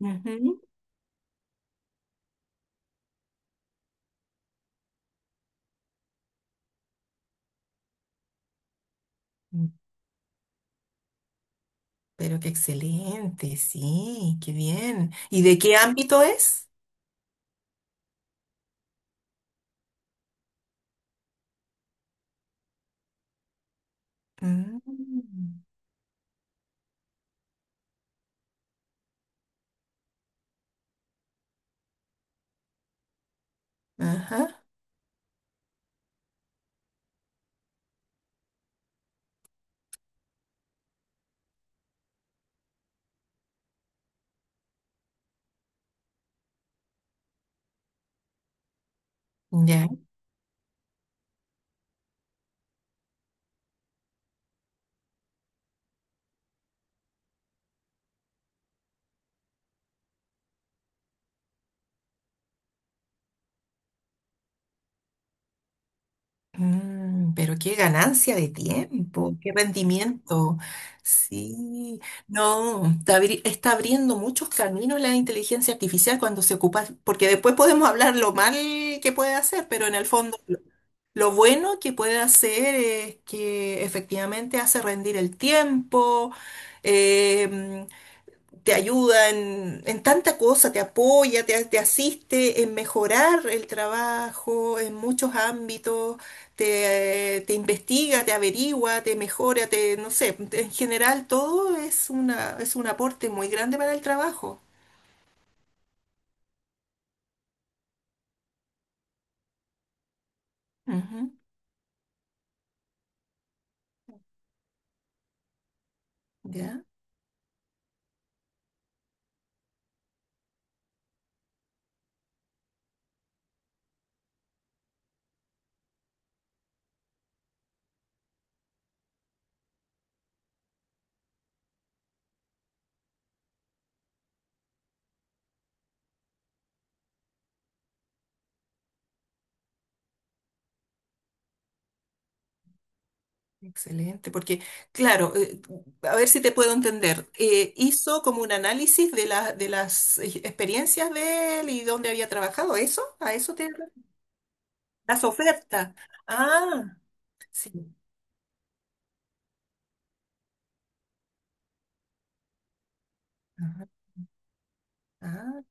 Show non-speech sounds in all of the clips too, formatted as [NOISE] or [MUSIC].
Ujú. Mm, pero qué excelente, sí, qué bien. ¿Y de qué ámbito es? Mm, ajá, ya. Mm, pero qué ganancia de tiempo, qué rendimiento. Sí, no, está, está abriendo muchos caminos la inteligencia artificial cuando se ocupa, porque después podemos hablar lo mal que puede hacer, pero en el fondo lo bueno que puede hacer es que efectivamente hace rendir el tiempo. em, Te ayuda en tanta cosa, te apoya, te asiste en mejorar el trabajo en muchos ámbitos, te investiga, te averigua, te mejora, te, no sé, en general todo es una, es un aporte muy grande para el trabajo. Ujú. Ya, excelente, porque claro, a ver si te puedo entender, hizo como un análisis de, de las experiencias de él y dónde había trabajado, ¿eso? ¿A eso te... Las ofertas. Ah, sí. Ajá. Ah,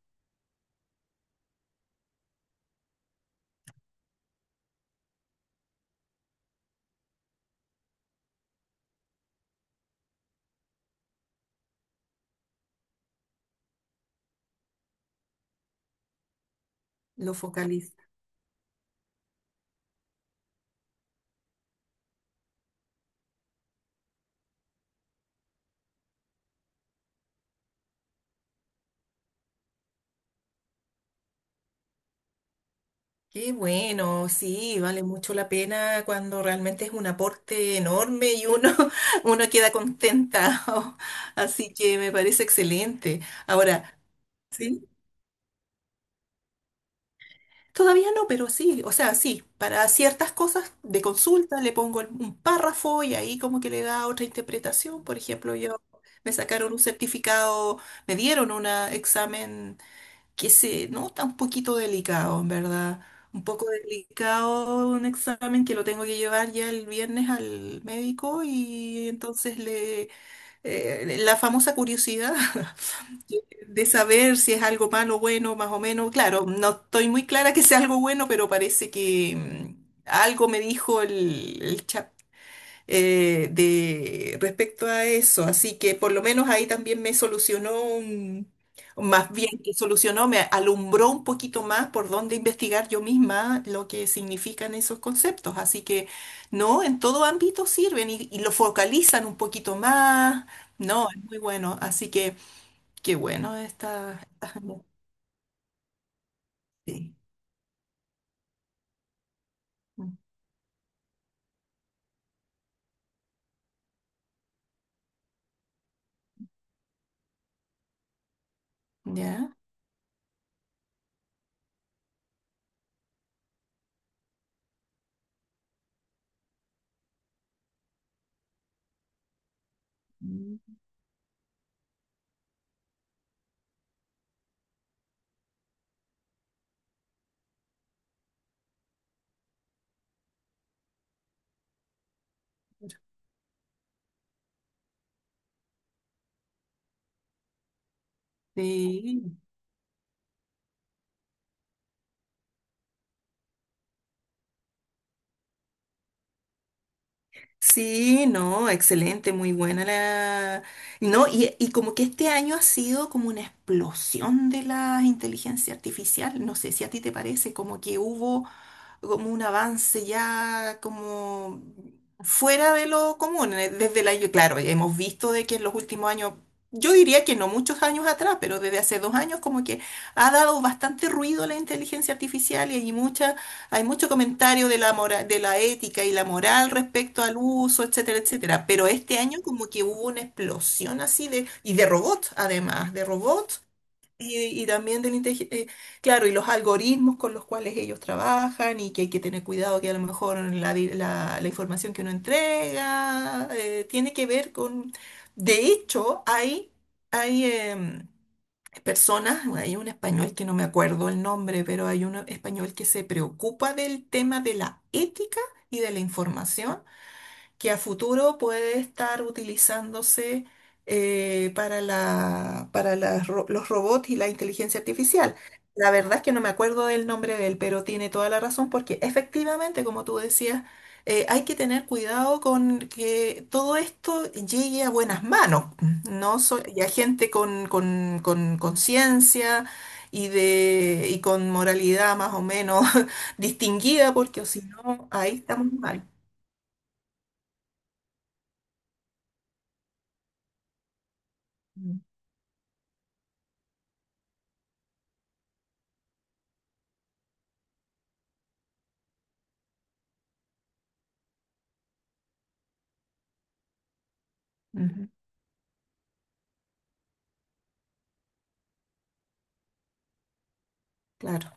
lo focaliza. Qué bueno, sí, vale mucho la pena cuando realmente es un aporte enorme y uno, [LAUGHS] uno queda contenta. [LAUGHS] Así que me parece excelente. Ahora, sí, todavía no, pero sí, o sea, sí, para ciertas cosas de consulta le pongo un párrafo y ahí como que le da otra interpretación. Por ejemplo, yo me sacaron un certificado, me dieron un examen que se nota un poquito delicado, en verdad. Un poco delicado un examen que lo tengo que llevar ya el viernes al médico y entonces le la famosa curiosidad [LAUGHS] de saber si es algo malo, bueno, más o menos. Claro, no estoy muy clara que sea algo bueno, pero parece que algo me dijo el chat respecto a eso. Así que por lo menos ahí también me solucionó más bien que solucionó, me alumbró un poquito más por dónde investigar yo misma lo que significan esos conceptos. Así que no, en todo ámbito sirven y lo focalizan un poquito más. No, es muy bueno. Así que qué bueno Sí. ¿Ya? Sí. Sí, no, excelente, muy buena Y no, y como que este año ha sido como una explosión de la inteligencia artificial, no sé si a ti te parece, como que hubo como un avance ya como fuera de lo común. Desde el año, claro, hemos visto de que en los últimos años, yo diría que no muchos años atrás, pero desde hace dos años como que ha dado bastante ruido la inteligencia artificial y hay mucha, hay mucho comentario de la de la ética y la moral respecto al uso, etcétera, etcétera. Pero este año como que hubo una explosión así de, y de robots, además, de robots y también del claro, y los algoritmos con los cuales ellos trabajan y que hay que tener cuidado que a lo mejor la, la información que uno entrega tiene que ver con... De hecho, hay personas, hay un español que no me acuerdo el nombre, pero hay un español que se preocupa del tema de la ética y de la información que a futuro puede estar utilizándose para la, para las los robots y la inteligencia artificial. La verdad es que no me acuerdo del nombre de él, pero tiene toda la razón porque efectivamente, como tú decías, hay que tener cuidado con que todo esto llegue a buenas manos, ¿no? Y a gente con conciencia y, de, y con moralidad más o menos [LAUGHS] distinguida, porque o si no, ahí estamos mal. Mm. Claro.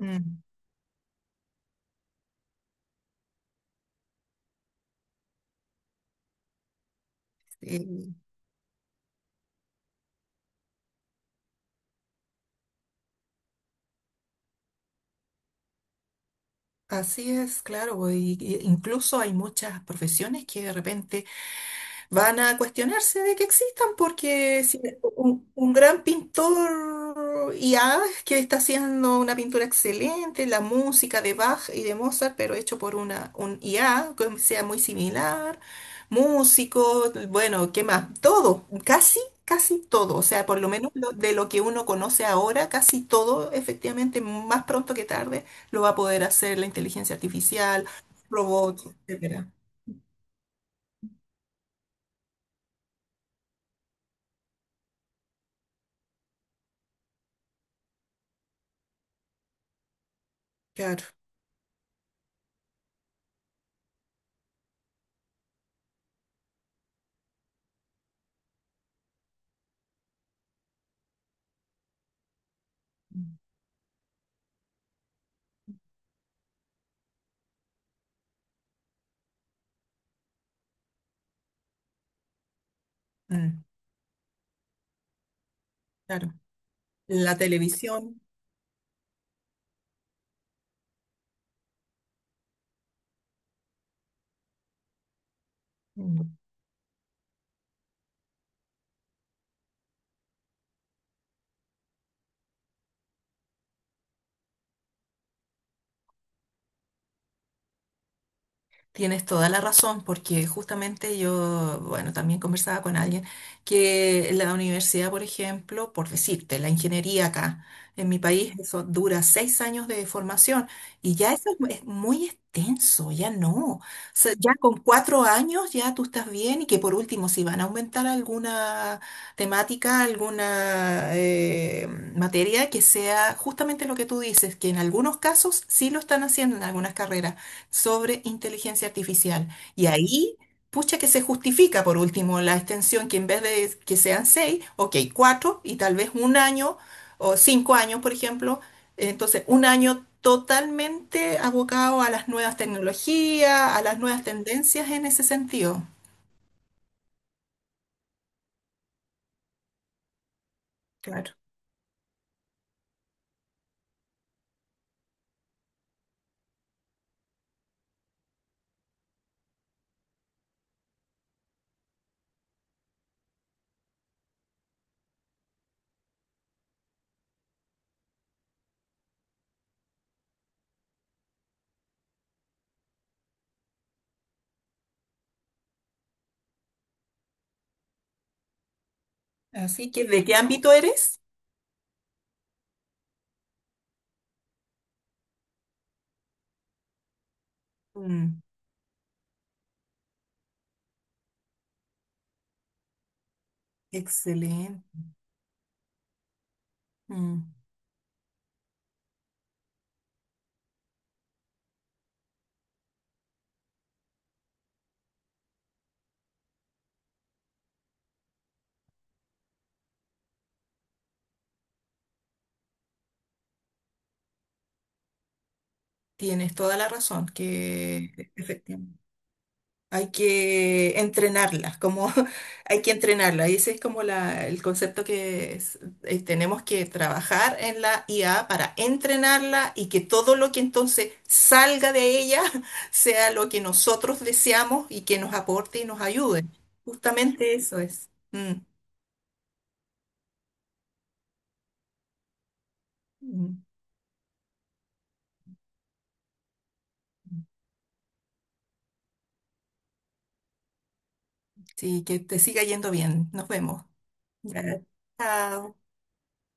Mm, sí, así es, claro, y incluso hay muchas profesiones que de repente van a cuestionarse de que existan, porque si un, un gran pintor y ah, que está haciendo una pintura excelente, la música de Bach y de Mozart, pero hecho por una, un IA que sea muy similar, músico, bueno, ¿qué más? Todo, casi, casi todo, o sea, por lo menos de lo que uno conoce ahora, casi todo, efectivamente, más pronto que tarde, lo va a poder hacer la inteligencia artificial, robots, etcétera. Claro. Mm, mm, claro. La televisión. Tienes toda la razón, porque justamente yo, bueno, también conversaba con alguien que la universidad, por ejemplo, por decirte, la ingeniería acá en mi país, eso dura seis años de formación y ya eso es es muy extenso, ya no. O sea, ya con cuatro años ya tú estás bien y que por último, si van a aumentar alguna temática, alguna materia que sea justamente lo que tú dices, que en algunos casos sí lo están haciendo en algunas carreras sobre inteligencia artificial. Y ahí, pucha que se justifica por último la extensión, que en vez de que sean seis, ok, cuatro y tal vez un año o cinco años, por ejemplo. Entonces, un año totalmente abocado a las nuevas tecnologías, a las nuevas tendencias en ese sentido. Claro. Así que, ¿de qué ámbito eres? Mm, excelente. Mm, tienes toda la razón, que efectivamente. Hay que entrenarlas, como [LAUGHS] hay que entrenarla. Y ese es como la, el concepto que tenemos que trabajar en la IA para entrenarla y que todo lo que entonces salga de ella [LAUGHS] sea lo que nosotros deseamos y que nos aporte y nos ayude. Justamente eso es. Mm, mm. Sí, que te siga yendo bien. Nos vemos. Ya. Chao.